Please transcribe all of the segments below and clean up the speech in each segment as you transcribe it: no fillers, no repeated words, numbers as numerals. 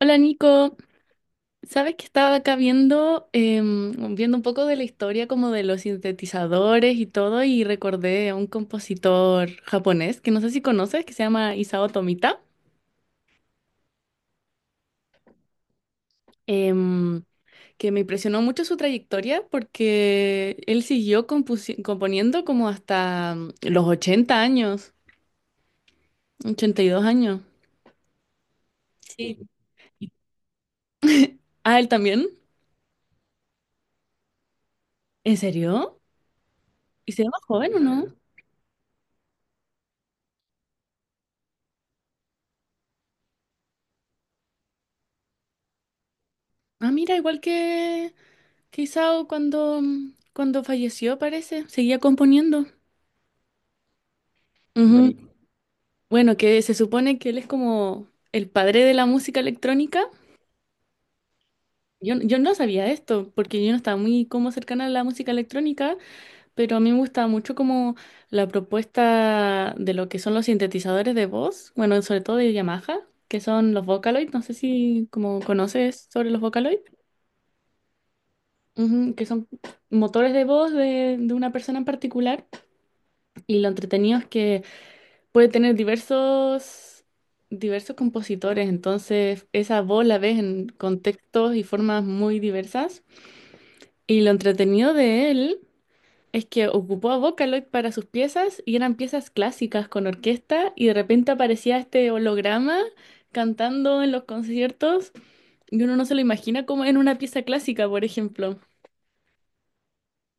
Hola Nico, sabes que estaba acá viendo un poco de la historia como de los sintetizadores y todo y recordé a un compositor japonés que no sé si conoces, que se llama Isao Tomita, em, que me impresionó mucho su trayectoria porque él siguió componiendo como hasta los 80 años, 82 años. Sí. Ah, él también. ¿En serio? ¿Y se llama joven o no? Ah, mira, igual que... Quizá o cuando falleció, parece, seguía componiendo. Ujú. Bueno, que se supone que él es como el padre de la música electrónica. Yo no sabía esto, porque yo no estaba muy como cercana a la música electrónica, pero a mí me gustaba mucho como la propuesta de lo que son los sintetizadores de voz, bueno, sobre todo de Yamaha, que son los Vocaloid, no sé si como conoces sobre los Vocaloid. Ujú, que son motores de voz de una persona en particular, y lo entretenido es que puede tener diversos compositores, entonces esa voz la ves en contextos y formas muy diversas. Y lo entretenido de él es que ocupó a Vocaloid para sus piezas y eran piezas clásicas con orquesta y de repente aparecía este holograma cantando en los conciertos y uno no se lo imagina como en una pieza clásica, por ejemplo.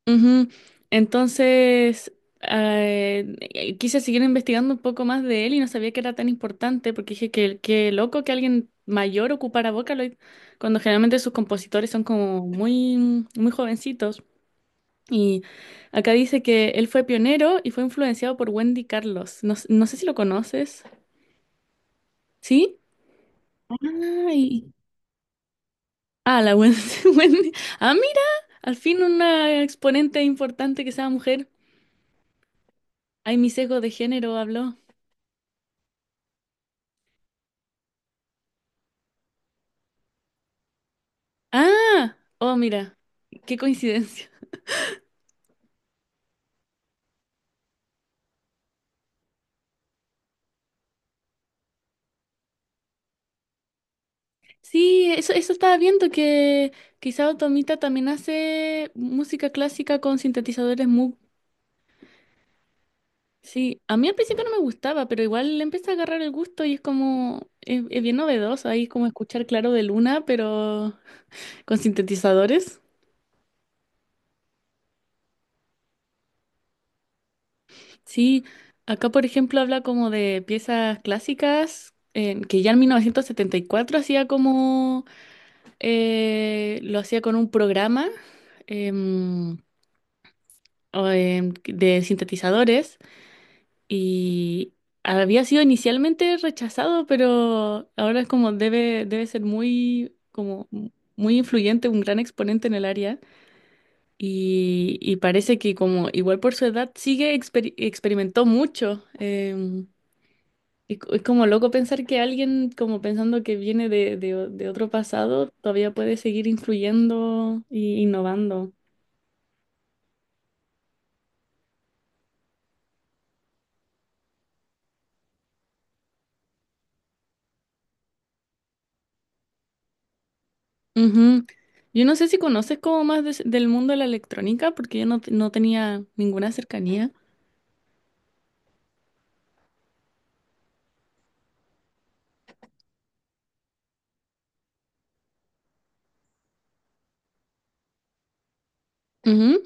Ujú. Entonces, quise seguir investigando un poco más de él y no sabía que era tan importante porque dije que qué loco que alguien mayor ocupara Vocaloid cuando generalmente sus compositores son como muy jovencitos. Y acá dice que él fue pionero y fue influenciado por Wendy Carlos. No, no sé si lo conoces. ¿Sí? Ay, ah, la Wendy. Wendy. Ah, mira, al fin una exponente importante que sea mujer. Ay, mi sesgo de género habló. Ah, oh, mira, qué coincidencia. Sí, eso estaba viendo que quizá Otomita también hace música clásica con sintetizadores Moog. Sí, a mí al principio no me gustaba, pero igual le empecé a agarrar el gusto y es como es bien novedoso ahí como escuchar Claro de Luna, pero con sintetizadores. Sí, acá por ejemplo habla como de piezas clásicas, que ya en 1974 hacía como lo hacía con un programa em, de sintetizadores y había sido inicialmente rechazado, pero ahora es como debe ser muy influyente, un gran exponente en el área. Y parece que como igual por su edad sigue experimentó mucho. Y es como loco pensar que alguien como pensando que viene de otro pasado todavía puede seguir influyendo e innovando. Ujú. Yo no sé si conoces como más del mundo de la electrónica, porque yo no, no tenía ninguna cercanía. Ujú.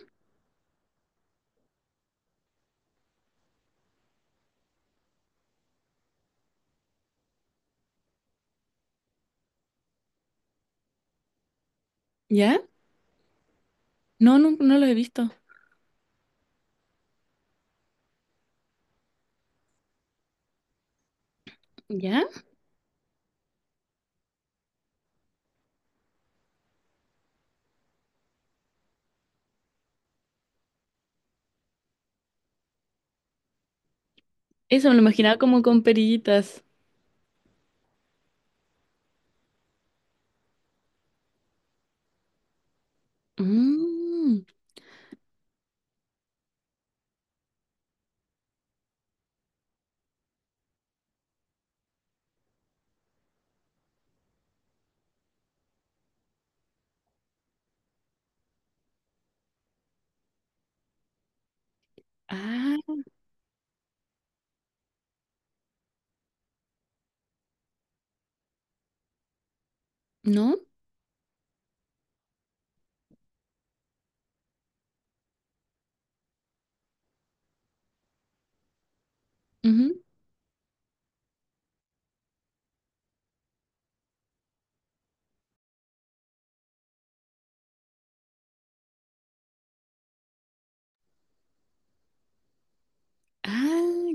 ¿Ya? No, no, no lo he visto. ¿Ya? Eso me lo imaginaba como con perillitas. Mm. Ah, ¿no? Ujú. Ah,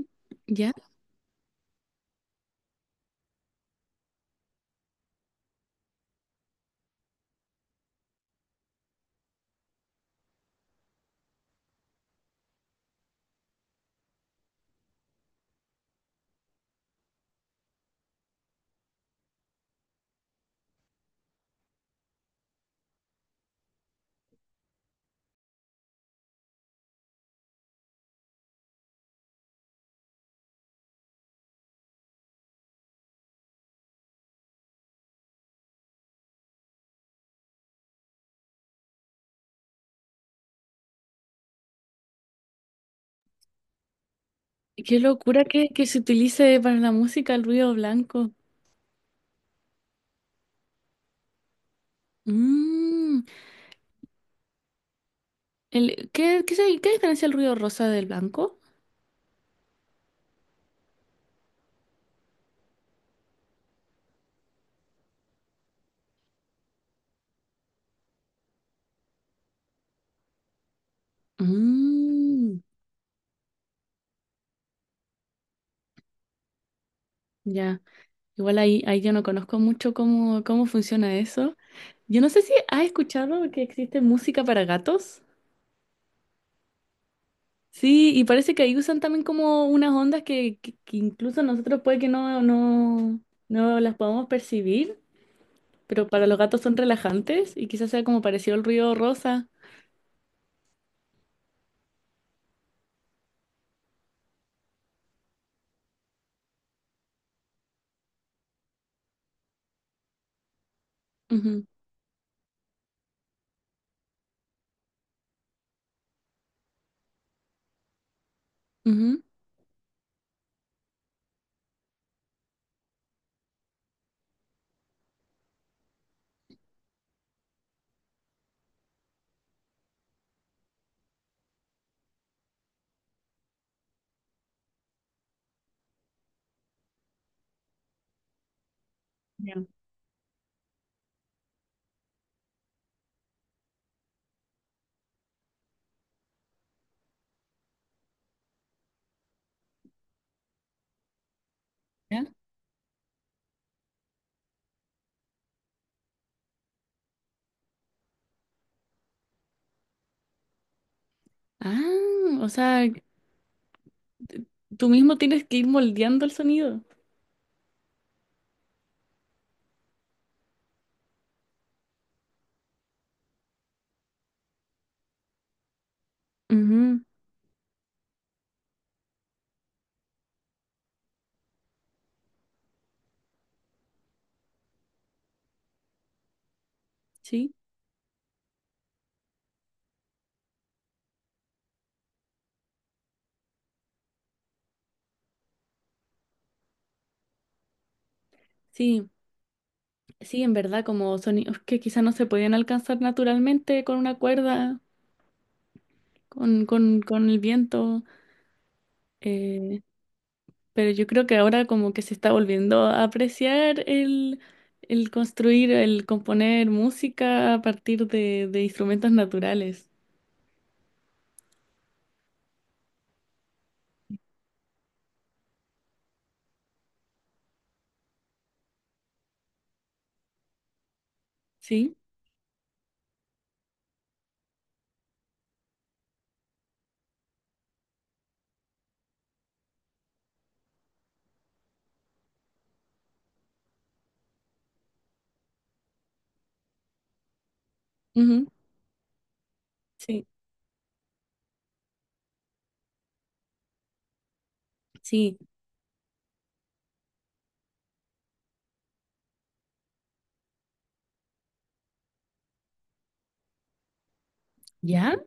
ya. Qué locura que se utilice para la música el ruido blanco. Mm. El, ¿qué diferencia el ruido rosa del blanco? Mm. Ya. Igual ahí yo no conozco mucho cómo funciona eso. Yo no sé si has escuchado que existe música para gatos. Sí, y parece que ahí usan también como unas ondas que incluso nosotros puede que no las podamos percibir, pero para los gatos son relajantes y quizás sea como parecido al ruido rosa. Ujú, ujú. Ya. ¿Ya? Ah, o sea, t- tú mismo tienes que ir moldeando el sonido. Ujú, sí, sí. Sí, en verdad, como sonidos que quizás no se podían alcanzar naturalmente con una cuerda, con el viento, eh, pero yo creo que ahora como que se está volviendo a apreciar el construir, el componer música a partir de instrumentos naturales. ¿Sí? Ujú, sí, sí. ¿Ya?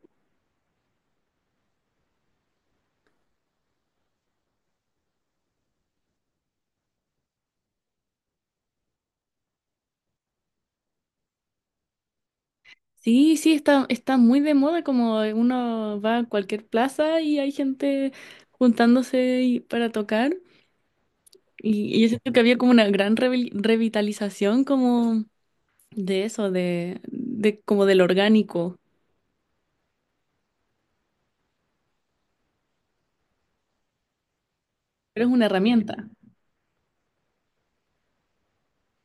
Sí, sí, está muy de moda, como uno va a cualquier plaza y hay gente para tocar. Y yo siento que había como una gran revitalización como de eso, de como del orgánico. Pero es una herramienta.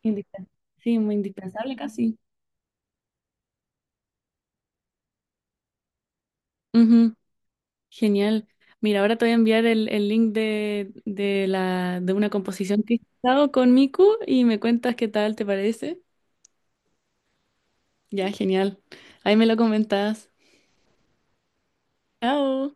Indispen- Sí, muy indispensable casi. Ujú, genial. Mira, ahora te voy a enviar el link de una composición que he estado con Miku y me cuentas qué tal te parece. Ya, genial. Ahí me lo comentas. Chao.